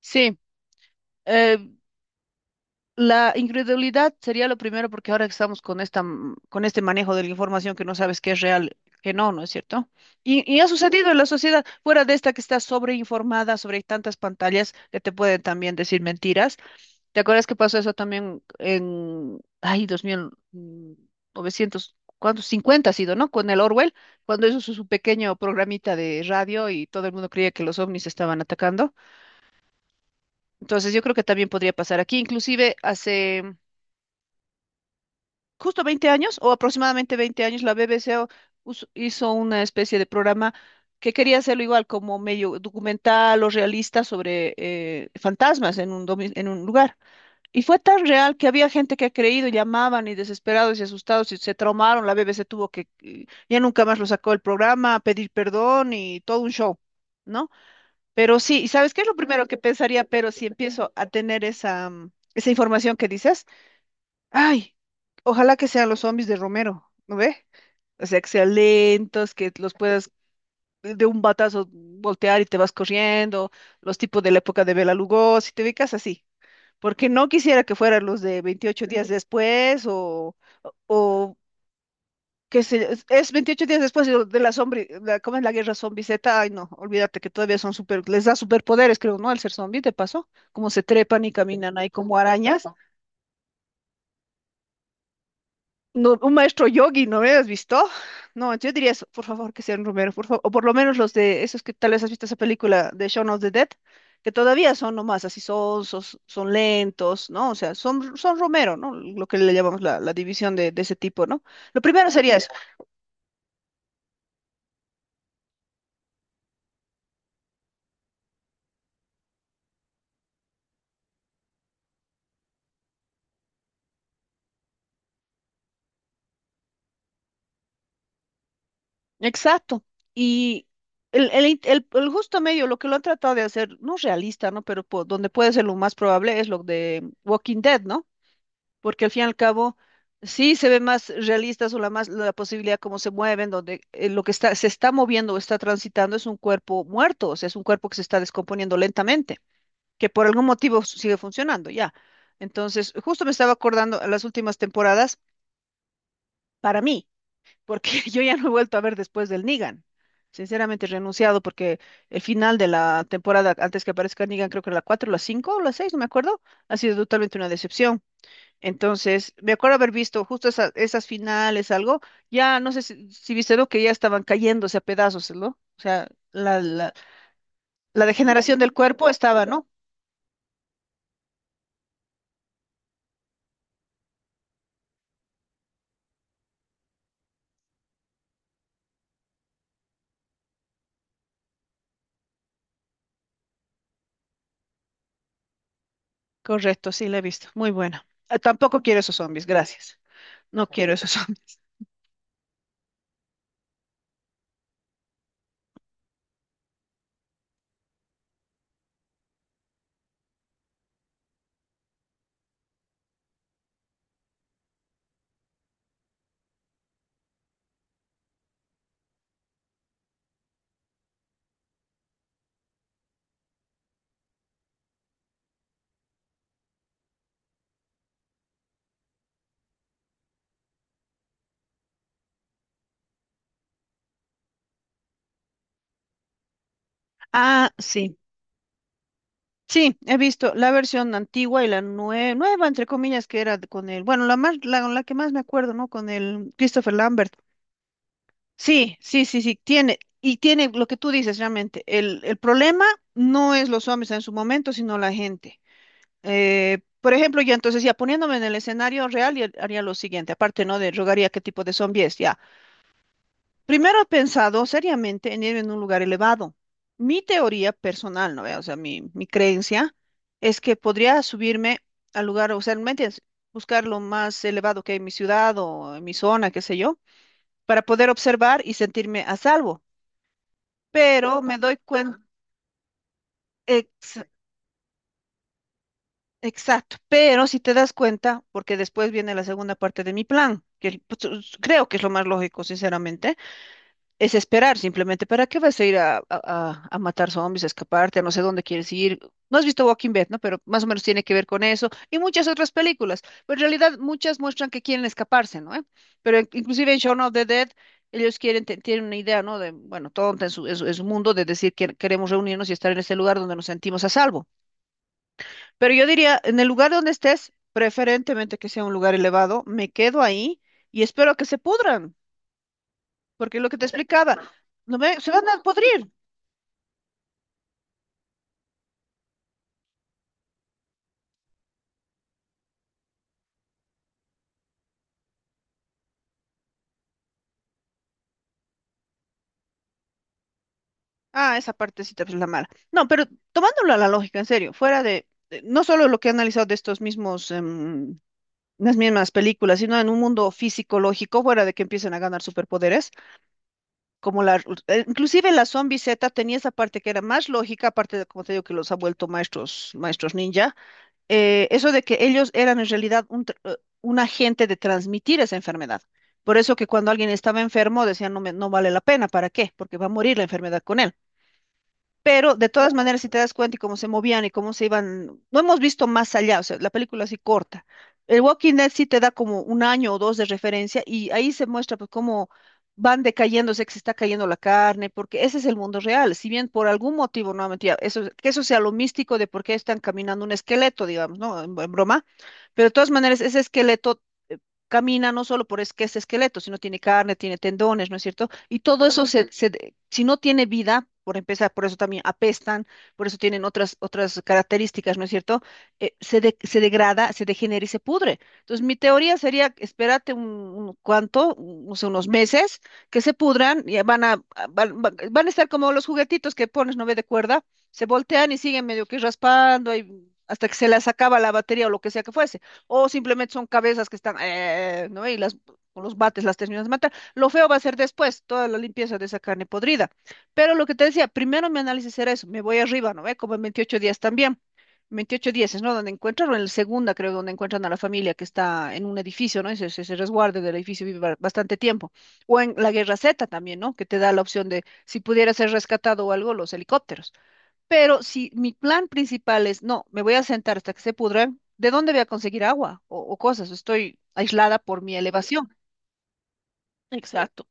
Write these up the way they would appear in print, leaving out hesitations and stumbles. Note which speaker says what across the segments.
Speaker 1: Sí, eh, la incredulidad sería lo primero porque ahora estamos con con este manejo de la información que no sabes qué es real, que no, ¿no es cierto? Y ha sucedido en la sociedad, fuera de esta que está sobreinformada sobre tantas pantallas que te pueden también decir mentiras. ¿Te acuerdas que pasó eso también en, ay, dos mil novecientos ¿cuántos? Cincuenta, ha sido, ¿no? Con el Orwell, cuando hizo su pequeño programita de radio y todo el mundo creía que los ovnis estaban atacando. Entonces yo creo que también podría pasar aquí. Inclusive hace justo 20 años o aproximadamente 20 años la BBC hizo una especie de programa que quería hacerlo igual como medio documental o realista sobre fantasmas en en un lugar. Y fue tan real que había gente que ha creído, llamaban y desesperados y asustados y se traumaron. La BBC tuvo que, ya nunca más lo sacó el programa, pedir perdón y todo un show, ¿no? Pero sí, ¿y sabes qué es lo primero que pensaría? Pero si empiezo a tener esa información que dices, ay, ojalá que sean los zombies de Romero, ¿no ve? O sea, que sean lentos, que los puedas de un batazo voltear y te vas corriendo, los tipos de la época de Bela Lugosi, te ubicas así. Porque no quisiera que fueran los de 28 días después o que se, es 28 días después de la zombie, la, ¿cómo es la guerra zombie Z? Ay, no, olvídate que todavía son super, les da superpoderes, creo, ¿no? Al ser zombie, ¿te pasó? Como se trepan y caminan ahí como arañas. No, un maestro yogi, ¿no me has visto? No, yo diría eso, por favor, que sean Romero, por favor, o por lo menos los de esos que tal vez has visto esa película de Shaun of the Dead, que todavía son nomás así sonsos, son lentos, ¿no? O sea, son Romero, ¿no? Lo que le llamamos la división de ese tipo, ¿no? Lo primero sería eso. Exacto. Y el justo medio, lo que lo han tratado de hacer, no realista, ¿no? Pero donde puede ser lo más probable es lo de Walking Dead, ¿no? Porque al fin y al cabo, sí se ve más realista o la más la posibilidad cómo se mueven, donde lo que está, se está moviendo o está transitando es un cuerpo muerto, o sea, es un cuerpo que se está descomponiendo lentamente, que por algún motivo sigue funcionando, ya. Entonces, justo me estaba acordando en las últimas temporadas, para mí porque yo ya no he vuelto a ver después del Negan. Sinceramente he renunciado porque el final de la temporada, antes que aparezca Negan, creo que era la 4, la 5 o la 6, no me acuerdo, ha sido totalmente una decepción. Entonces, me acuerdo haber visto justo esas finales, algo, ya no sé si viste, ¿no? Que ya estaban cayéndose a pedazos, ¿no? O sea, la degeneración del cuerpo estaba, ¿no? Correcto, sí, la he visto. Muy buena. Ah, tampoco quiero esos zombies, gracias. No quiero esos zombies. Ah, sí. Sí, he visto la versión antigua y la nueva, entre comillas, que era con el, bueno, la que más me acuerdo, ¿no? Con el Christopher Lambert. Sí, sí, sí, sí, tiene, y tiene lo que tú dices realmente. El problema no es los zombies en su momento, sino la gente. Por ejemplo, yo entonces ya poniéndome en el escenario real, ya haría lo siguiente, aparte, ¿no? De rogaría qué tipo de zombie es, ya. Primero he pensado seriamente en ir en un lugar elevado. Mi teoría personal, ¿no ve? O sea, mi creencia es que podría subirme al lugar, o sea, ¿me entiendes? Buscar lo más elevado que hay en mi ciudad o en mi zona, qué sé yo, para poder observar y sentirme a salvo. Pero me doy cuenta, exacto, pero si te das cuenta, porque después viene la segunda parte de mi plan, que pues, creo que es lo más lógico, sinceramente. Es esperar simplemente. ¿Para qué vas a ir a, a matar zombies, a escaparte, a no sé dónde quieres ir? No has visto Walking Dead, ¿no? Pero más o menos tiene que ver con eso y muchas otras películas. Pero en realidad muchas muestran que quieren escaparse, ¿no? ¿Eh? Pero inclusive en Shaun of the Dead ellos quieren, tienen una idea, ¿no? De, bueno, tonta en su, en su mundo de decir que queremos reunirnos y estar en este lugar donde nos sentimos a salvo. Pero yo diría, en el lugar donde estés, preferentemente que sea un lugar elevado, me quedo ahí y espero que se pudran, porque lo que te explicaba, no me, se van a podrir. Ah, esa partecita pues es la mala. No, pero tomándolo a la lógica, en serio, fuera de, no solo lo que he analizado de estos mismos, las mismas películas, sino en un mundo físico lógico, fuera de que empiecen a ganar superpoderes, como la, inclusive la Zombie Z tenía esa parte que era más lógica, aparte de, como te digo, que los ha vuelto maestros, maestros ninja, eso de que ellos eran en realidad un agente de transmitir esa enfermedad. Por eso que cuando alguien estaba enfermo decían, no, no vale la pena, ¿para qué? Porque va a morir la enfermedad con él. Pero de todas maneras, si te das cuenta y cómo se movían y cómo se iban, no hemos visto más allá, o sea, la película así corta. El Walking Dead sí te da como un año o dos de referencia y ahí se muestra pues cómo van decayéndose, que se está cayendo la carne, porque ese es el mundo real. Si bien por algún motivo, nuevamente, ya, eso, que eso sea lo místico de por qué están caminando un esqueleto, digamos, ¿no? En broma, pero de todas maneras, ese esqueleto eh, camina no solo por es que es esqueleto, sino tiene carne, tiene tendones, ¿no es cierto? Y todo eso se, si no tiene vida, por empezar, por eso también apestan, por eso tienen otras, otras características, ¿no es cierto? Se degrada, se degenera y se pudre. Entonces, mi teoría sería, espérate un cuanto, no sé, unos meses, que se pudran y van a estar como los juguetitos que pones, no ve de cuerda, se voltean y siguen medio que raspando y hasta que se les acaba la batería o lo que sea que fuese. O simplemente son cabezas que están, ¿no? Y las, con los bates las terminas de matar. Lo feo va a ser después, toda la limpieza de esa carne podrida. Pero lo que te decía, primero mi análisis era eso, me voy arriba, ¿no ve? Como en 28 días también. 28 días es, ¿no? Donde encuentran, o en la segunda creo, donde encuentran a la familia que está en un edificio, ¿no? Ese resguardo del edificio vive bastante tiempo. O en la Guerra Z también, ¿no? Que te da la opción de si pudiera ser rescatado o algo, los helicópteros. Pero si mi plan principal es, no, me voy a sentar hasta que se pudra, ¿de dónde voy a conseguir agua o cosas? Estoy aislada por mi elevación. Exacto.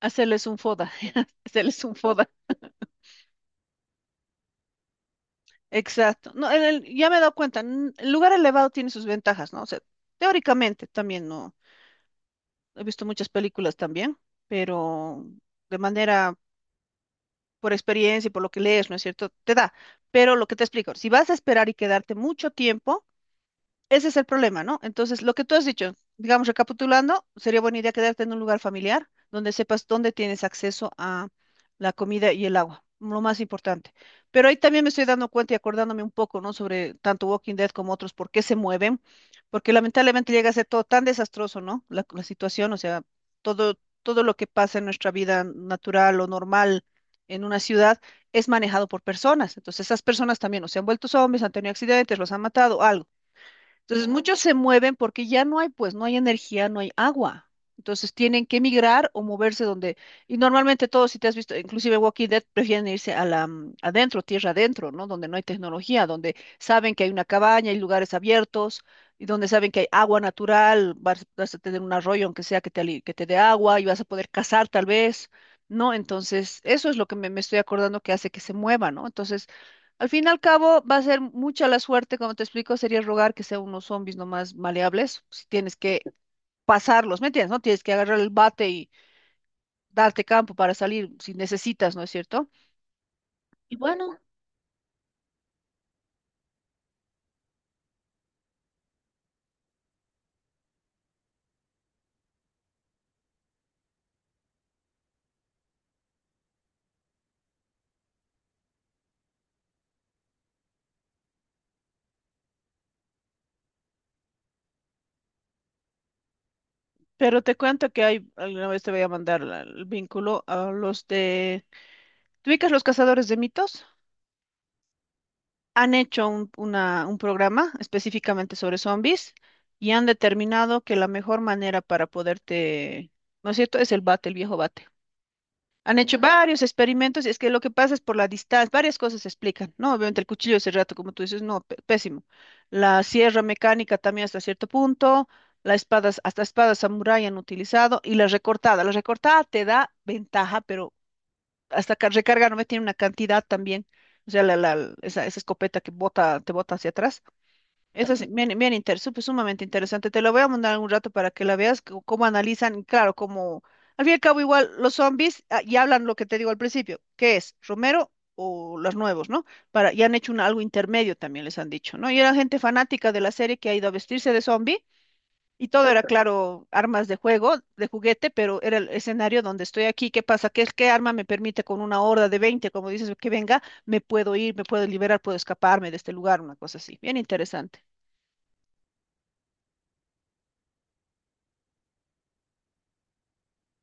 Speaker 1: Hacerles un foda, hacerles un foda, exacto. No, en ya me he dado cuenta, el lugar elevado tiene sus ventajas, ¿no? O sea, teóricamente también, ¿no? He visto muchas películas también, pero de manera, por experiencia y por lo que lees, ¿no es cierto? Te da, pero lo que te explico, si vas a esperar y quedarte mucho tiempo, ese es el problema, ¿no? Entonces, lo que tú has dicho, digamos, recapitulando, sería buena idea quedarte en un lugar familiar donde sepas dónde tienes acceso a la comida y el agua, lo más importante. Pero ahí también me estoy dando cuenta y acordándome un poco, ¿no? Sobre tanto Walking Dead como otros, por qué se mueven, porque lamentablemente llega a ser todo tan desastroso, ¿no? La situación, o sea, todo lo que pasa en nuestra vida natural o normal en una ciudad es manejado por personas. Entonces, esas personas también o se han vuelto zombies, han tenido accidentes, los han matado, algo. Entonces, muchos se mueven porque ya no hay, pues, no hay energía, no hay agua. Entonces, tienen que migrar o moverse donde, y normalmente todos, si te has visto, inclusive Walking Dead, prefieren irse a adentro, tierra adentro, ¿no? Donde no hay tecnología, donde saben que hay una cabaña, hay lugares abiertos, y donde saben que hay agua natural, vas a tener un arroyo, aunque sea que te dé agua, y vas a poder cazar tal vez, ¿no? Entonces, eso es lo que me estoy acordando que hace que se mueva, ¿no? Entonces, al fin y al cabo, va a ser mucha la suerte, como te explico, sería rogar que sean unos zombies nomás maleables, si tienes que pasarlos, ¿me entiendes? No tienes que agarrar el bate y darte campo para salir si necesitas, ¿no es cierto? Bueno, pero te cuento que hay, alguna vez te voy a mandar el vínculo a los de... ¿Te ubicas los cazadores de mitos? Han hecho un, un programa específicamente sobre zombies y han determinado que la mejor manera para poderte, ¿no es cierto? Es el bate, el viejo bate. Han hecho varios experimentos y es que lo que pasa es por la distancia, varias cosas se explican, ¿no? Obviamente el cuchillo de cerrato, como tú dices, no, pésimo. La sierra mecánica también hasta cierto punto, las espadas, hasta espadas samurái han utilizado y la recortada. La recortada te da ventaja, pero hasta recarga no me tiene una cantidad también. O sea, esa escopeta que bota, te bota hacia atrás, eso es bien, sumamente interesante. Te lo voy a mandar un rato para que la veas, cómo analizan, y claro, como al fin y al cabo igual los zombies ah, y hablan lo que te digo al principio, ¿qué es? ¿Romero o los nuevos, ¿no? Para, y han hecho un, algo intermedio también, les han dicho, ¿no? Y era gente fanática de la serie que ha ido a vestirse de zombie y todo era, claro, armas de juego, de juguete, pero era el escenario donde estoy aquí, ¿qué pasa? ¿Qué arma me permite con una horda de 20, como dices, que venga, me puedo ir, me puedo liberar, puedo escaparme de este lugar, una cosa así. Bien interesante.